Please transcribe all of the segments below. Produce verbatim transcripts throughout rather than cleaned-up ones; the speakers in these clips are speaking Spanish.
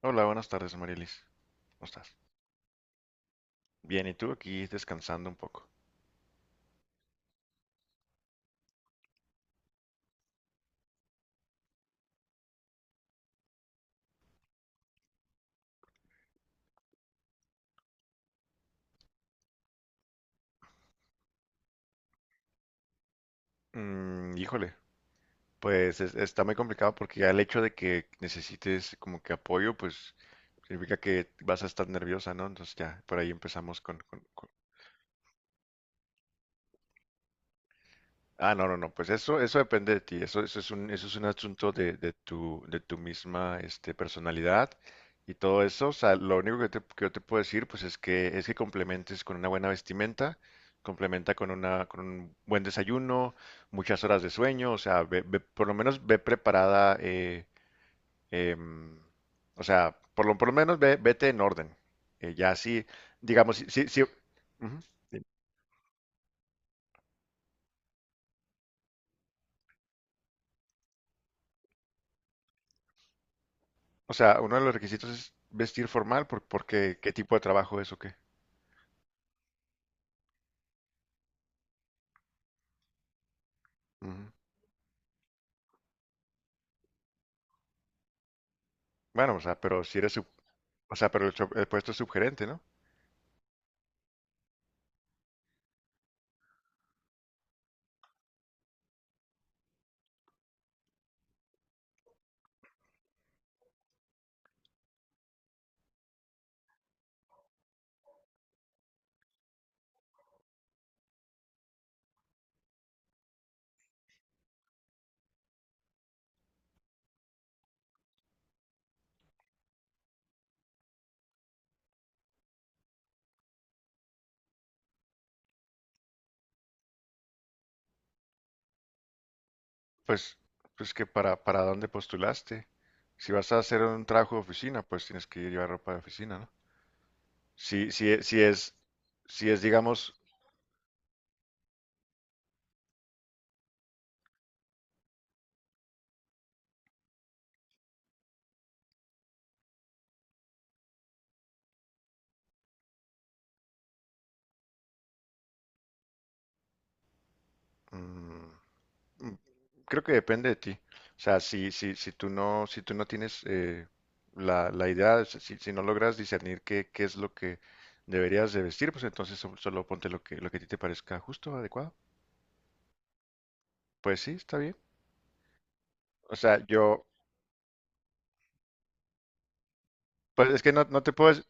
Hola, buenas tardes, Marielis. ¿Cómo estás? Bien, ¿y tú aquí descansando un poco? Mm, híjole, pues es- está muy complicado porque ya el hecho de que necesites como que apoyo, pues significa que vas a estar nerviosa, ¿no? Entonces ya, por ahí empezamos con, con- con- Ah, no, no, no, pues eso, eso depende de ti, eso, eso es un, eso es un asunto de, de tu, de tu misma, este, personalidad y todo eso, o sea, lo único que, te- que yo te puedo decir, pues es que, es que complementes con una buena vestimenta, complementa con una, con un buen desayuno, muchas horas de sueño, o sea, ve- ve- por lo menos ve preparada, eh, em, o sea, por lo, por lo menos ve, vete en orden, eh, ya sí, digamos, sí, sí, sí, ujú. O sea, uno de los requisitos es vestir formal por, porque qué tipo de trabajo es o qué. Ujú. Bueno, o sea, pero si eres, sub- o sea, pero el, sub- el puesto es subgerente, ¿no? Pues, pues que para, para dónde postulaste. Si vas a hacer un trabajo de oficina, pues tienes que llevar ropa de oficina, ¿no? Si, si, e- si es, si es, digamos, mm. Creo que depende de ti. O sea, si, si, si tú no, si tú no tienes eh, la, la idea, o sea, si, si no logras discernir qué, qué es lo que deberías de vestir, pues entonces sol- solo ponte lo que, lo que a ti te parezca justo, adecuado. Pues sí, está bien. O sea, yo, pues es que no, no te puedo,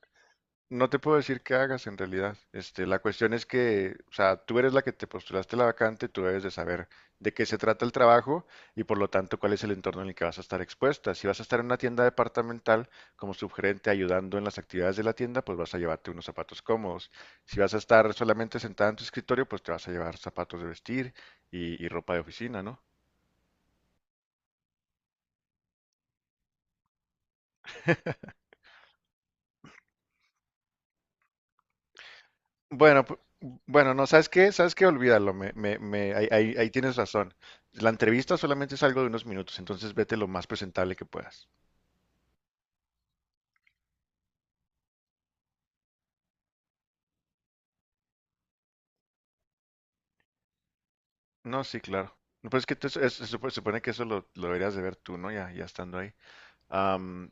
No te puedo decir qué hagas en realidad. Este, la cuestión es que, o sea, tú eres la que te postulaste la vacante, tú debes de saber de qué se trata el trabajo y por lo tanto cuál es el entorno en el que vas a estar expuesta. Si vas a estar en una tienda departamental como subgerente ayudando en las actividades de la tienda, pues vas a llevarte unos zapatos cómodos. Si vas a estar solamente sentada en tu escritorio, pues te vas a llevar zapatos de vestir y, y ropa de oficina, ¿no? Bueno, pu- bueno, no, ¿sabes qué? ¿Sabes qué? Olvídalo, me, me, me, ahí, ahí- ahí tienes razón. La entrevista solamente es algo de unos minutos, entonces vete lo más presentable que puedas. No, sí, claro. No, pues es que tú- es- se supo- se supone que eso lo, lo deberías de ver tú, ¿no? Ya, ya estando ahí. Am,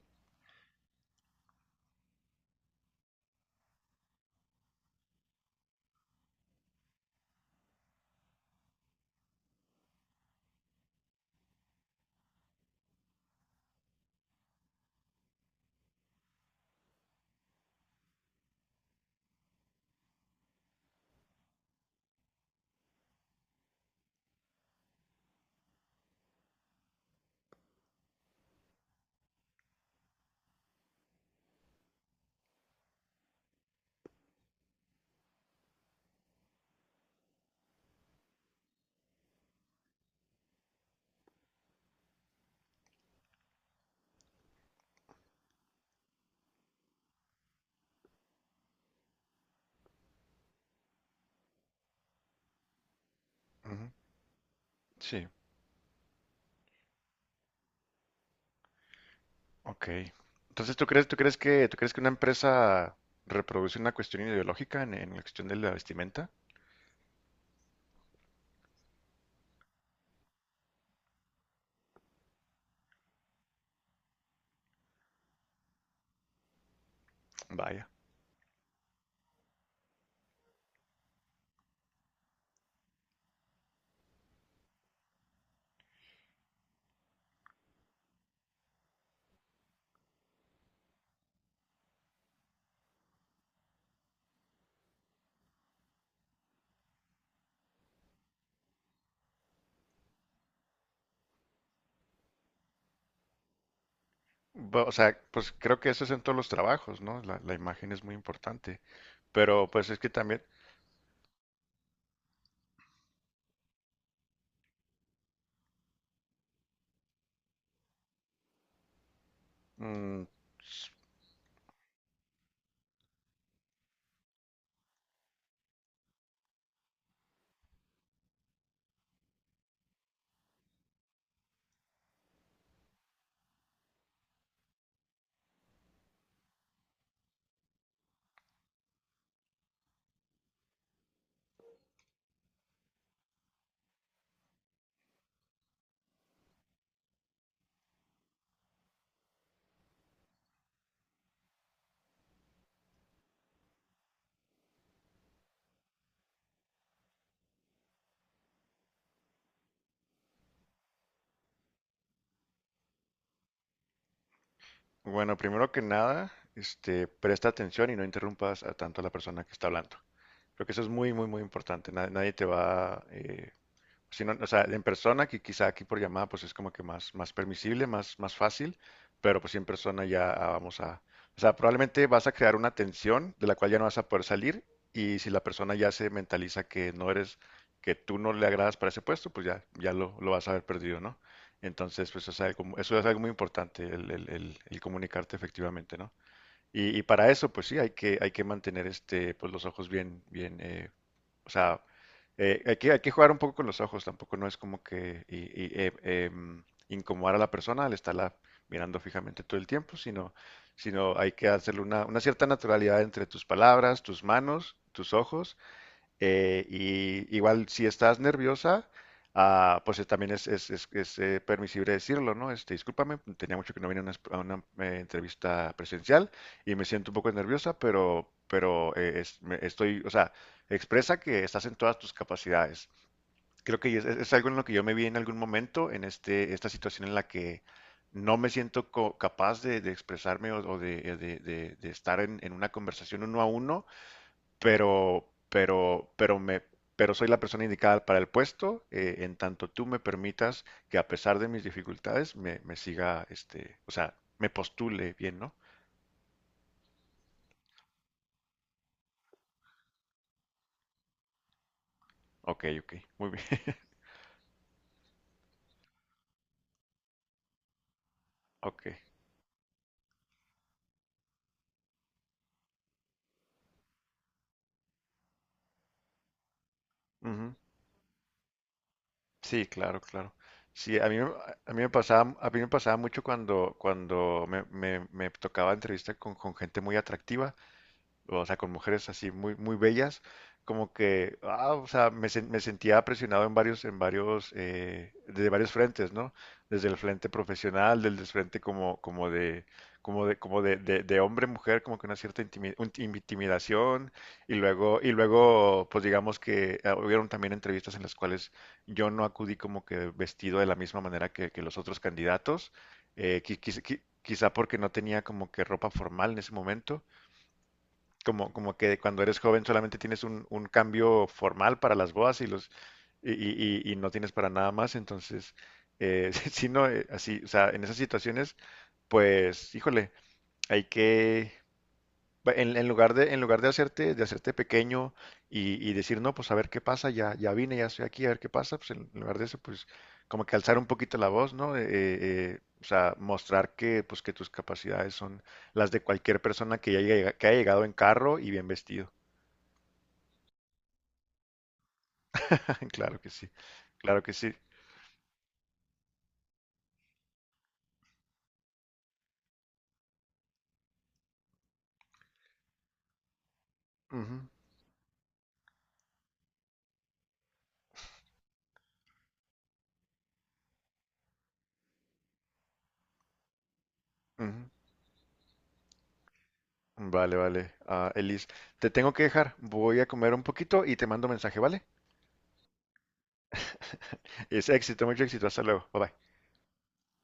ujú, sí, ok. Entonces, ¿tú crees, tú crees que, ¿tú crees que una empresa reproduce una cuestión ideológica en, en la cuestión de la vestimenta? Vaya. Bu- O sea, pues creo que eso es en todos los trabajos, ¿no? La, la imagen es muy importante. Pero pues es que también, mm, s- bueno, primero que nada, este, presta atención y no interrumpas a tanto a la persona que está hablando. Creo que eso es muy, muy, muy importante. Na- Nadie te va a... Si no, o sea, en persona, que quizá aquí por llamada, pues es como que más, más permisible, más, más fácil, pero pues sí en persona ya ah, vamos a, o sea, probablemente vas a crear una tensión de la cual ya no vas a poder salir y si la persona ya se mentaliza que no eres, que tú no le agradas para ese puesto, pues ya, ya lo, lo vas a haber perdido, ¿no? Entonces, pues o sea, el eso es algo muy importante, el, el- el- el comunicarte efectivamente, ¿no? Y, y para eso, pues sí, hay que, hay que mantener este, pues, los ojos bien, bien, eh, o sea, eh, hay que, hay que jugar un poco con los ojos, tampoco no es como que y, y, eh, em, incomodar a la persona al estarla mirando fijamente todo el tiempo, sino, sino hay que hacerle una, una cierta naturalidad entre tus palabras, tus manos, tus ojos, eh, y igual, si estás nerviosa, ah, pues eh, también es, es- es- es, eh, permisible decirlo, ¿no? Este, discúlpame, tenía mucho que no venía a una, a una, eh, entrevista presencial y me siento un poco nerviosa, pero, pero eh, es- me- estoy, o sea, expresa que estás en todas tus capacidades. Creo que es, es- es algo en lo que yo me vi en algún momento, en este, esta situación en la que no me siento co- capaz de, de expresarme o, o de, de- de- de estar en en una conversación uno a uno pero, pero, pero me, pero soy la persona indicada para el puesto, eh, en tanto tú me permitas que a pesar de mis dificultades me, me siga, este, o sea, me postule bien, ¿no? Ok, ok, muy bien, ok. Ujú. Sí, claro, claro. Sí, a mí, me- a mí me pasaba, a mí me pasaba mucho cuando, cuando me, me, me tocaba entrevista con, con gente muy atractiva, o sea, con mujeres así muy, muy bellas, como que, ah, o sea, me, sen- me sentía presionado en varios, en varios, eh, de varios frentes, ¿no? Desde el frente profesional, desde el frente como, como de, como de, como de, de, de hombre-mujer, como que una cierta intimi- un- intimidación, y luego, y luego, pues digamos que eh, hubieron también entrevistas en las cuales yo no acudí como que vestido de la misma manera que, que los otros candidatos, eh, qui- qui- qui- quizá porque no tenía como que ropa formal en ese momento, como, como que cuando eres joven solamente tienes un, un cambio formal para las bodas y los y, y- y- y no tienes para nada más, entonces eh, si no eh, así, o sea, en esas situaciones, pues, híjole, hay que va, en, en lugar de en lugar de hacerte de hacerte pequeño y, y decir no, pues a ver qué pasa, ya ya vine, ya estoy aquí, a ver qué pasa, pues en lugar de eso, pues como que alzar un poquito la voz, ¿no? Eh, eh, eh, o sea, mostrar que pues que tus capacidades son las de cualquier persona que ya haya, llega- que haya llegado en carro y bien vestido. Claro que sí, claro que sí. Ujú, ujú. Vale, vale. Ah, Elis, te tengo que dejar. Voy a comer un poquito y te mando mensaje, ¿vale? Es éxito, mucho éxito. Hasta luego. Bye bye.